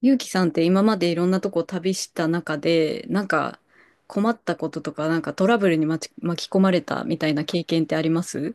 ゆうきさんって今までいろんなとこ旅した中で、なんか困ったこととか、なんかトラブルに巻き込まれたみたいな経験ってあります？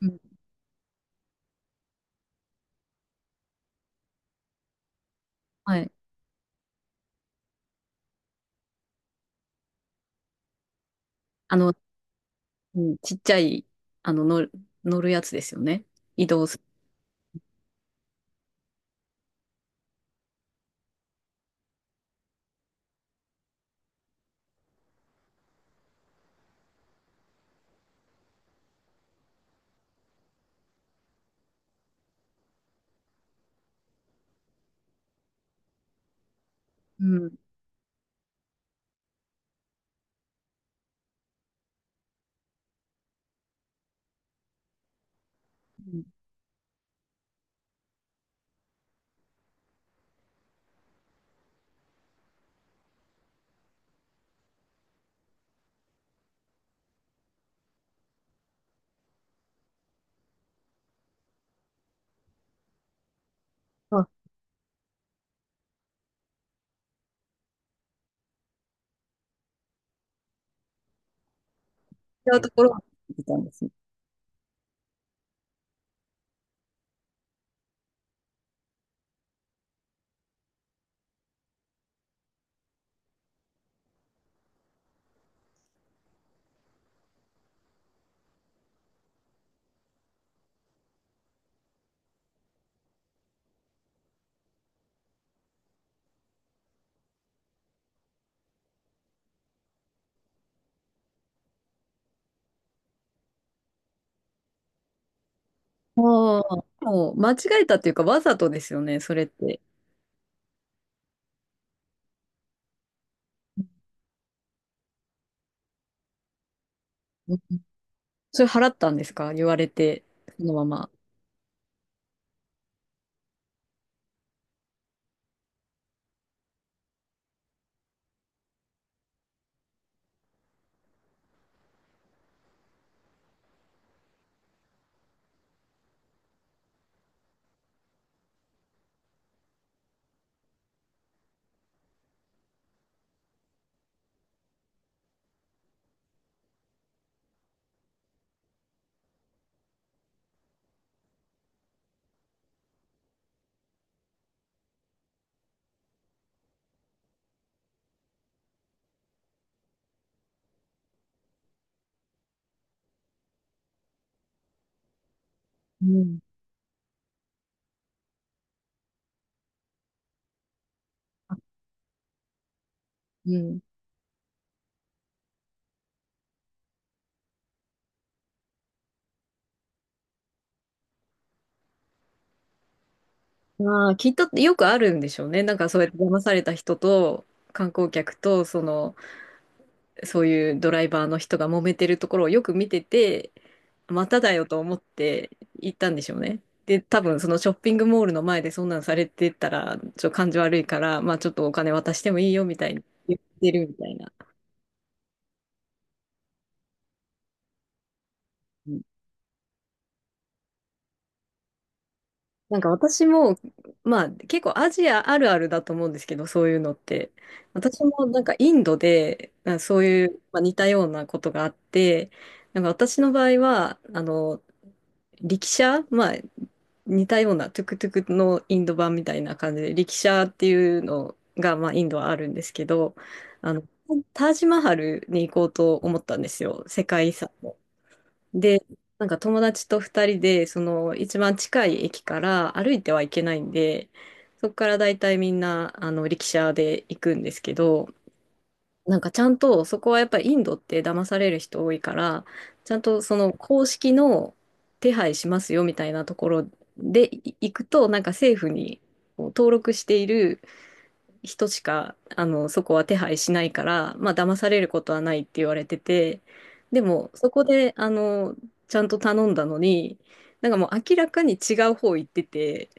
うん。はい。あの、うん、ちっちゃい、あの、乗る、乗るやつですよね。移動する。うんうん。あ、違うところに行ってたんですね。ああ。もう間違えたっていうか、わざとですよね、それって。うん。それ払ったんですか？言われて、そのまま。うん。あ、うん。まあ、きっとよくあるんでしょうね。なんかそうやって騙された人と観光客と、その、そういうドライバーの人が揉めてるところをよく見てて、まただよと思って行ったんでしょうね。で、多分そのショッピングモールの前でそんなんされてたら、ちょっと感じ悪いから、まあちょっとお金渡してもいいよみたいに言ってるみたいな。なんか私も、まあ結構アジアあるあるだと思うんですけど、そういうのって。私もなんかインドで、あ、そういう、まあ、似たようなことがあって、なんか私の場合は、力車、まあ似たようなトゥクトゥクのインド版みたいな感じで、力車っていうのが、まあインドはあるんですけど、あの、タージマハルに行こうと思ったんですよ。世界遺産。で、なんか友達と二人で、その一番近い駅から歩いてはいけないんで、そこからだいたいみんな、力車で行くんですけど、なんかちゃんと、そこはやっぱりインドって騙される人多いから、ちゃんとその公式の手配しますよみたいなところで行くと、なんか政府にこう登録している人しか、そこは手配しないから、まあ、騙されることはないって言われてて、でも、そこで、ちゃんと頼んだのに、なんかもう明らかに違う方行ってて、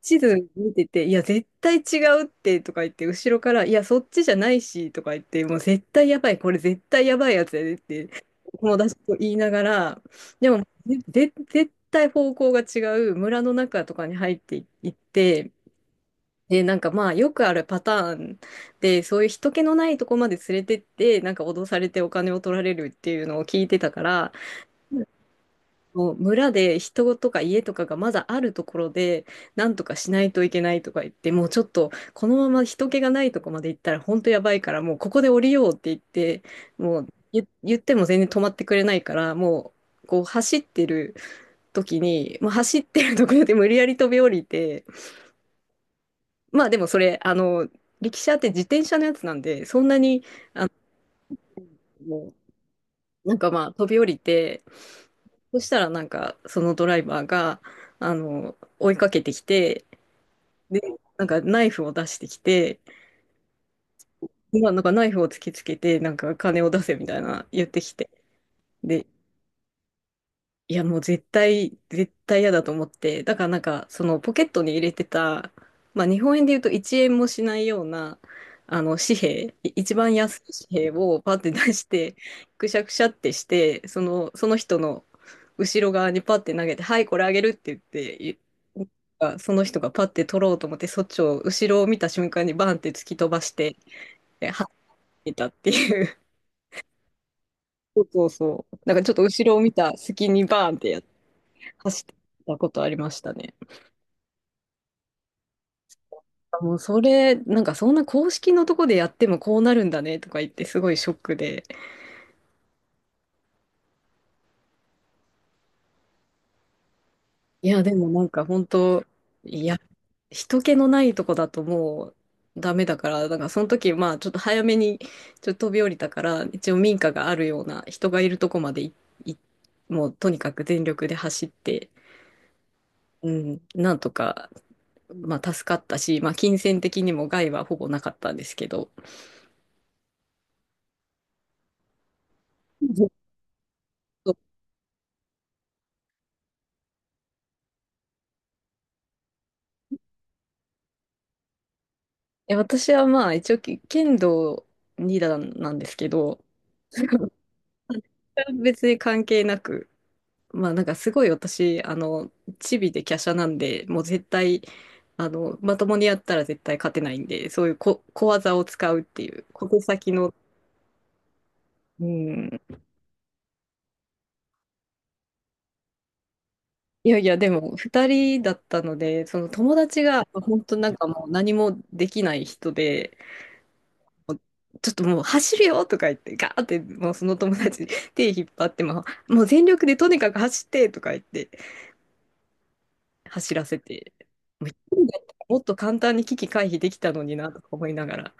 地図見てて、いや、絶対違うってとか言って、後ろから、いや、そっちじゃないしとか言って、もう絶対やばい、これ絶対やばいやつやでって、友達と言いながら、でも、絶対方向が違う村の中とかに入っていって、で、なんかまあよくあるパターンで、そういう人気のないとこまで連れてって、なんか脅されてお金を取られるっていうのを聞いてたから、もう村で人とか家とかがまだあるところで、なんとかしないといけないとか言って、もうちょっとこのまま人気がないとこまで行ったら本当やばいから、もうここで降りようって言って、もう言っても全然止まってくれないから、もうこう走ってる時に、もう走ってるところで無理やり飛び降りて、まあでもそれ、力車って自転車のやつなんで、そんなに、もうなんかまあ飛び降りて、そしたらなんかそのドライバーが、追いかけてきて、で、なんかナイフを出してきて、まあなんかナイフを突きつけて、なんか金を出せみたいな言ってきて、で、いや、もう絶対、絶対嫌だと思って。だからなんか、そのポケットに入れてた、まあ日本円で言うと1円もしないような、あの紙幣、一番安い紙幣をパって出して、くしゃくしゃってして、その人の後ろ側にパって投げて、はい、これあげるって言って、その人がパって取ろうと思って、そっちを後ろを見た瞬間にバンって突き飛ばして、えはっていたっていう。そうそうそう。なんかちょっと後ろを見た隙にバーンって走ってたことありましたね。もうそれ、なんかそんな公式のとこでやってもこうなるんだねとか言ってすごいショックで。いや、でもなんか本当、いや、人気のないとこだともうダメだから、なんかその時、まあちょっと早めにちょっと飛び降りたから、一応民家があるような人がいるとこまでいもうとにかく全力で走って、うん、なんとか、まあ助かったし、まあ金銭的にも害はほぼなかったんですけど。え、私はまあ一応剣道に段なんですけど、別に関係なく、まあなんかすごい私、チビで華奢なんで、もう絶対、まともにやったら絶対勝てないんで、そういう小技を使うっていう、小手先の、うん。いやいや、でも2人だったので、その友達が本当なんかもう何もできない人で、ちょっともう走るよとか言って、ガーってもうその友達に手引っ張っても、もう全力でとにかく走ってとか言って走らせて、もう一人だったらもっと簡単に危機回避できたのになとか思いながら、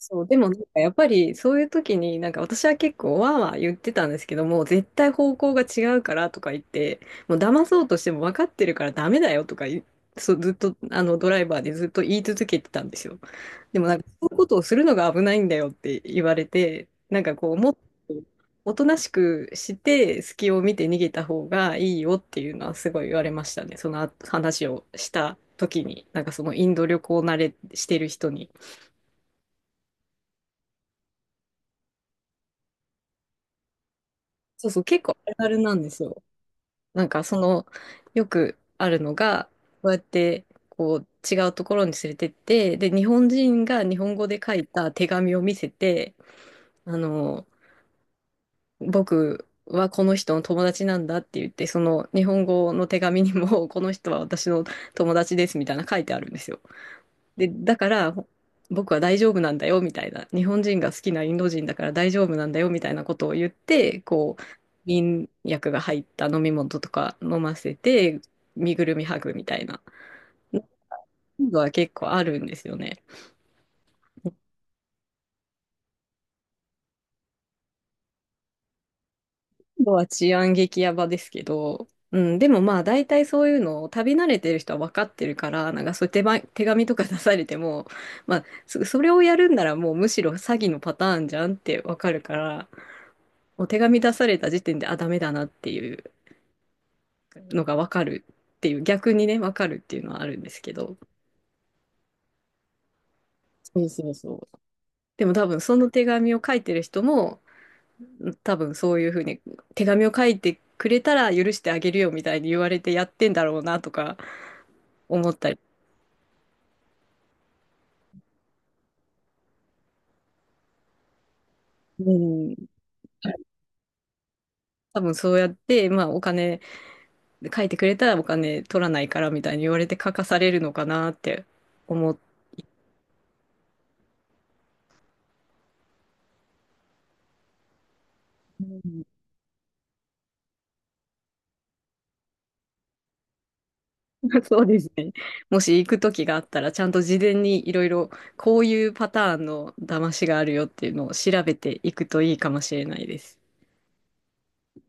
そう、でもなんかやっぱりそういう時になんか私は結構わーわー言ってたんですけども、絶対方向が違うからとか言って、もう騙そうとしても分かってるからダメだよとか言いそう、ずっとあのドライバーでずっと言い続けてたんですよ。でもなんかそういうことをするのが危ないんだよって言われて、なんかこうもっとおとなしくして隙を見て逃げた方がいいよっていうのはすごい言われましたね。その話をした時に、なんかそのインド旅行慣れしてる人に。そうそう、結構あるあるなんですよ。なんかその、よくあるのが、こうやって、こう、違うところに連れてって、で、日本人が日本語で書いた手紙を見せて、あの、僕はこの人の友達なんだって言って、その日本語の手紙にも、この人は私の友達ですみたいな書いてあるんですよ。で、だから僕は大丈夫なんだよみたいな、日本人が好きなインド人だから大丈夫なんだよみたいなことを言って、こう、眠薬が入った飲み物とか飲ませて、身ぐるみ剥ぐみたいなインドは結構あるんですよね。インドは治安激ヤバですけど、うん、でもまあ大体そういうのを旅慣れてる人は分かってるから、なんかそういう手紙とか出されても、まあそれをやるんならもうむしろ詐欺のパターンじゃんって分かるから、お手紙出された時点で、あ、ダメだなっていうのがわかるっていう、逆にね、わかるっていうのはあるんですけど、そうそうそう。でも多分その手紙を書いてる人も、多分そういうふうに手紙を書いてくれたら許してあげるよみたいに言われてやってんだろうなとか思ったり、うん。多分そうやって、まあお金、書いてくれたらお金取らないからみたいに言われて書かされるのかなって思っう そうですね。もし行く時があったら、ちゃんと事前にいろいろこういうパターンの騙しがあるよっていうのを調べていくといいかもしれないです。